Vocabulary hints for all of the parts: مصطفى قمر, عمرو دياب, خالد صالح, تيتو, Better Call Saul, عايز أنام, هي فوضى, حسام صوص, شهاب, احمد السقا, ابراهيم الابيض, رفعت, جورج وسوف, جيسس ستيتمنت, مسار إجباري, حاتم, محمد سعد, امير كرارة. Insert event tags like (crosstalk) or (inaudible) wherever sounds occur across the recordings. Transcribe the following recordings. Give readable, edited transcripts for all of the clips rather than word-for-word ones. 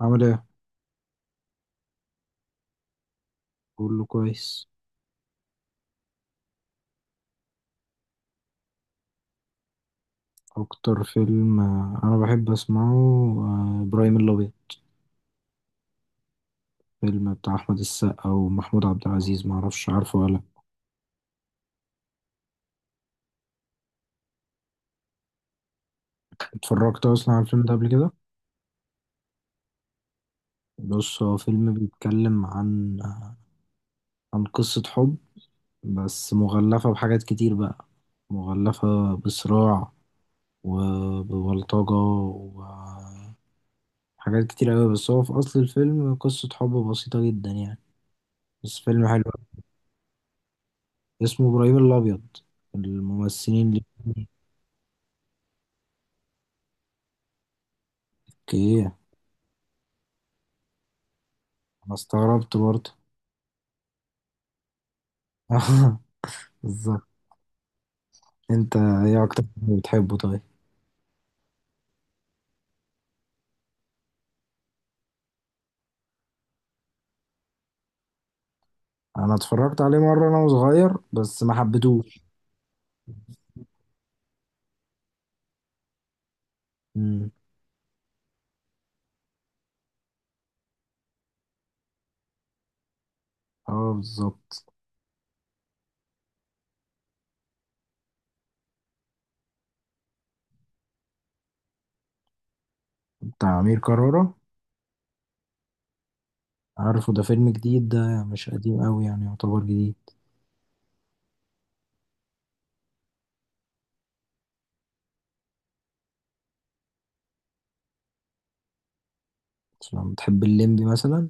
عامل ايه؟ كله كويس. اكتر فيلم انا بحب اسمعه، ابراهيم الابيض. فيلم بتاع احمد السقا ومحمود عبد العزيز، ما اعرفش عارفه ولا لأ. اتفرجت اصلا على الفيلم ده قبل كده؟ بص، هو فيلم بيتكلم عن قصة حب، بس مغلفة بحاجات كتير بقى، مغلفة بصراع وببلطجة وحاجات كتير قوي، بس هو في اصل الفيلم قصة حب بسيطة جدا يعني، بس فيلم حلو. اسمه ابراهيم الابيض، الممثلين اللي فيه. اوكي. انا استغربت برضه. (laughs) بالظبط. انت ايه اكتر فيلم بتحبه طيب؟ انا اتفرجت عليه مره وانا صغير بس ما حبيتهوش. امم. اه، بالظبط. بتاع امير كرارة. عارفه، ده فيلم جديد، ده مش قديم قوي يعني، يعتبر جديد. لما بتحب الليمبي مثلا؟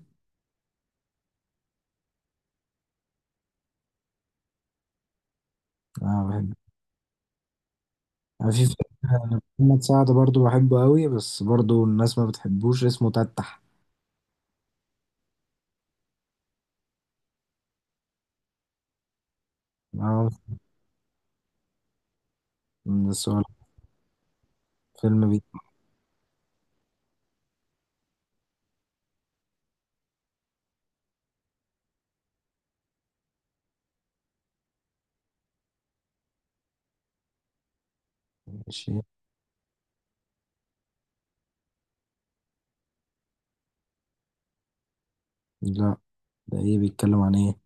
اه، بحب. انا في فيلم محمد سعد برضه بحبه قوي، بس برضه الناس ما بتحبوش، اسمه تتح. اه. من السؤال. فيلم بي ماشي. لا. ده ايه، بيتكلم عن ايه؟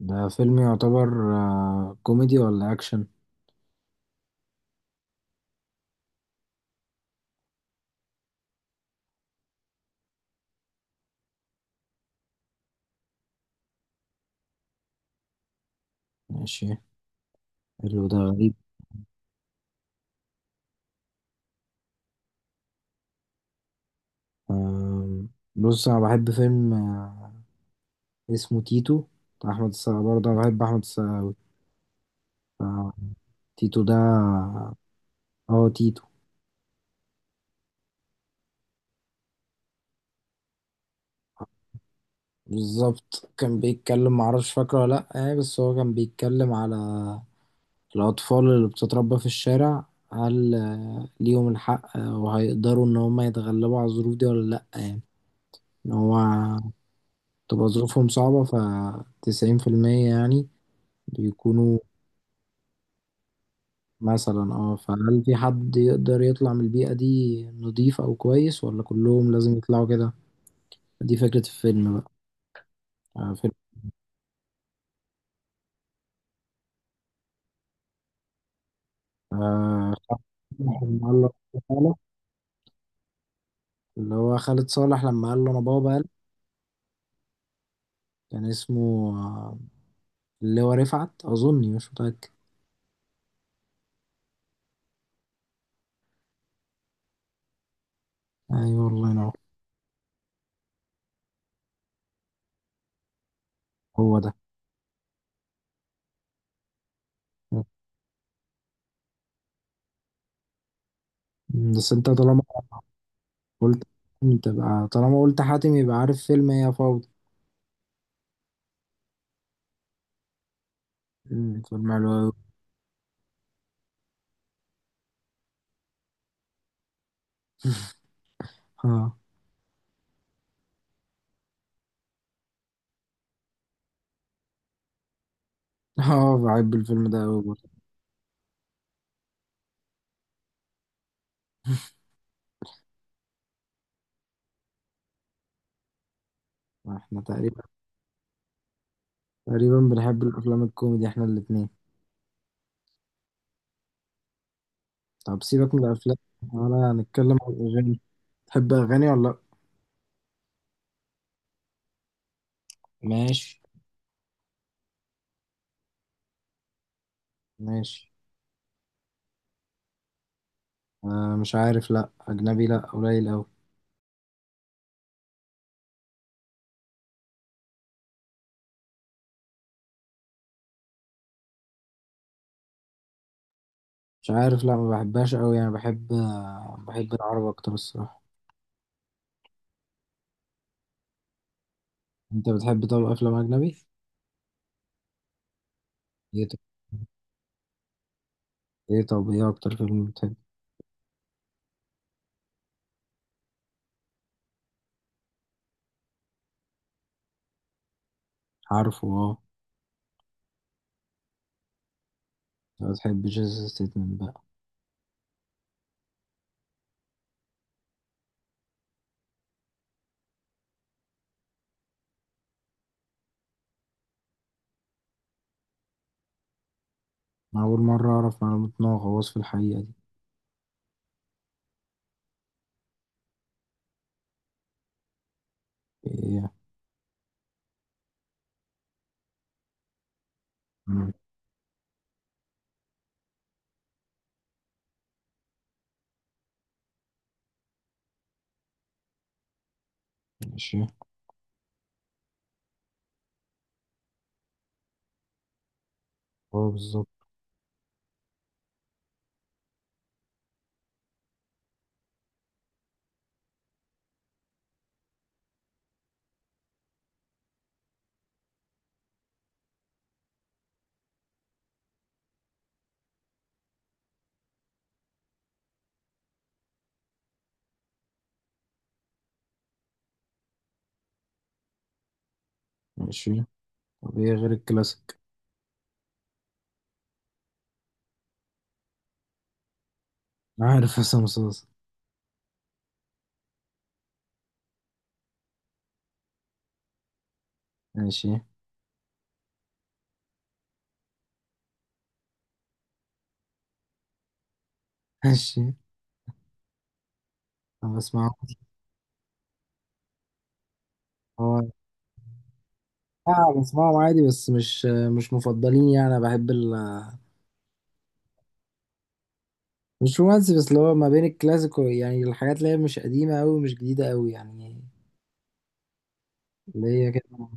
ده فيلم يعتبر كوميدي ولا اكشن؟ ماشي. حلو، ده غريب. آم، بص انا بحب فيلم اسمه تيتو. بتاع احمد السقا، برضه انا بحب احمد السقا. آه، تيتو ده. اه. تيتو. بالظبط، كان بيتكلم معرفش فاكره ولا لأ يعني، بس هو كان بيتكلم على الأطفال اللي بتتربى في الشارع. هل ليهم الحق وهيقدروا إن هما يتغلبوا على الظروف دي ولا لأ يعني، إن هو تبقى ظروفهم صعبة، فتسعين في المية يعني بيكونوا. مثلا اه، فهل في حد يقدر يطلع من البيئة دي نضيف أو كويس، ولا كلهم لازم يطلعوا كده؟ دي فكرة الفيلم بقى. فيلم آه (laughs) لما قال له تعالى، اللي هو خالد صالح، لما قال له أنا بابا قال كان اسمه اللي هو رفعت، أظني مش متأكد. أيوة والله ينور. هو ده. بس أنت طالما قلت تبقى طالما قلت حاتم، يبقى عارف فيلم هي فوضى. مم، فيلم حلو أوي. اه. (laughs) اه بحب الفيلم ده أوي برضه. احنا تقريبا تقريبا بنحب الأفلام الكوميدي احنا الاتنين. طب سيبك من الأفلام، ولا هنتكلم عن الأغاني؟ تحب أغاني ولا لأ؟ ماشي. ماشي. مش عارف، لأ أجنبي لأ، قليل أوي. مش عارف، لأ ما بحبهاش أوي يعني، بحب العربي أكتر الصراحة. أنت بتحب طب أفلام أجنبي؟ إيه طب. إيه طب، إيه أكتر فيلم بتحب؟ عارفه أه. أنت بتحب جيسس ستيتمنت بقى؟ أنا أول مرة أعرف معلومة إن هو غواص في الحقيقة دي. إيه يعني؟ ماشي. هو بالظبط. ماشي، طب ايه غير الكلاسيك؟ عارف حسام صوص. ماشي. ماشي، انا بسمعهم. هو اه، بسمعهم عادي، بس مش مفضلين يعني. انا بحب ال مش رومانسي، بس اللي هو ما بين الكلاسيك يعني الحاجات اللي هي مش قديمة أوي ومش جديدة أوي يعني، اللي هي كده.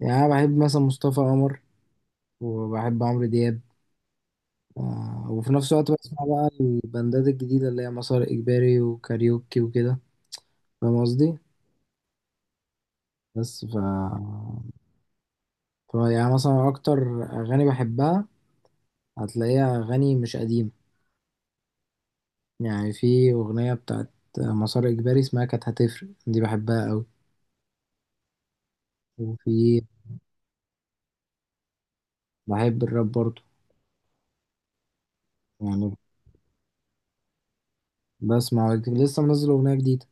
يعني أنا بحب مثلا مصطفى قمر، وبحب عمرو دياب. وفي نفس الوقت بسمع بقى البندات الجديدة اللي هي مسار إجباري وكاريوكي وكده. فاهم قصدي؟ بس ف طب يعني مثلا أكتر أغاني بحبها هتلاقيها أغاني مش قديمة. يعني في أغنية بتاعت مسار إجباري اسمها كانت هتفرق، دي بحبها أوي. وفي بحب الراب برضه يعني. بسمع لسه منزل أغنية جديدة.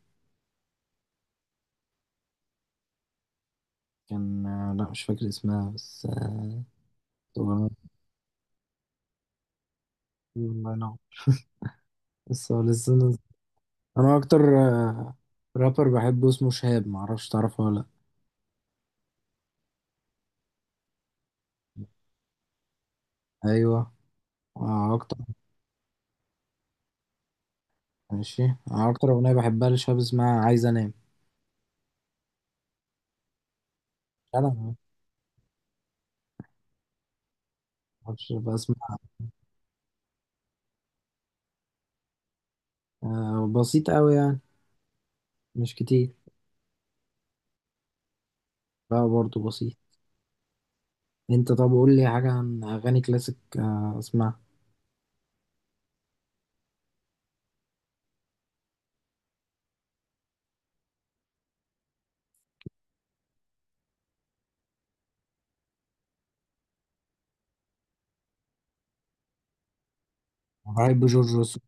كان لا مش فاكر اسمها، بس أغنية. الله ينور، لسه لسه نازل. أنا أكتر آه، رابر بحبه اسمه شهاب، معرفش تعرفه ولا. لأ أيوه. أكتر. ماشي، أنا أكتر أغنية بحبها لشهاب اسمها عايز أنام. معرفش بسمع. آه بسيط قوي يعني، مش كتير. لا برضه بسيط. انت طب قول لي حاجة عن أغاني كلاسيك اسمعها. بحب جورج وسوف.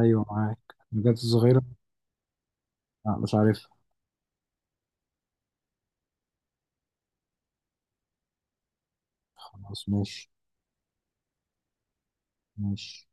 أيوه معاك، الحاجات الصغيرة. لا مش عارفها. خلاص، ماشي ماشي.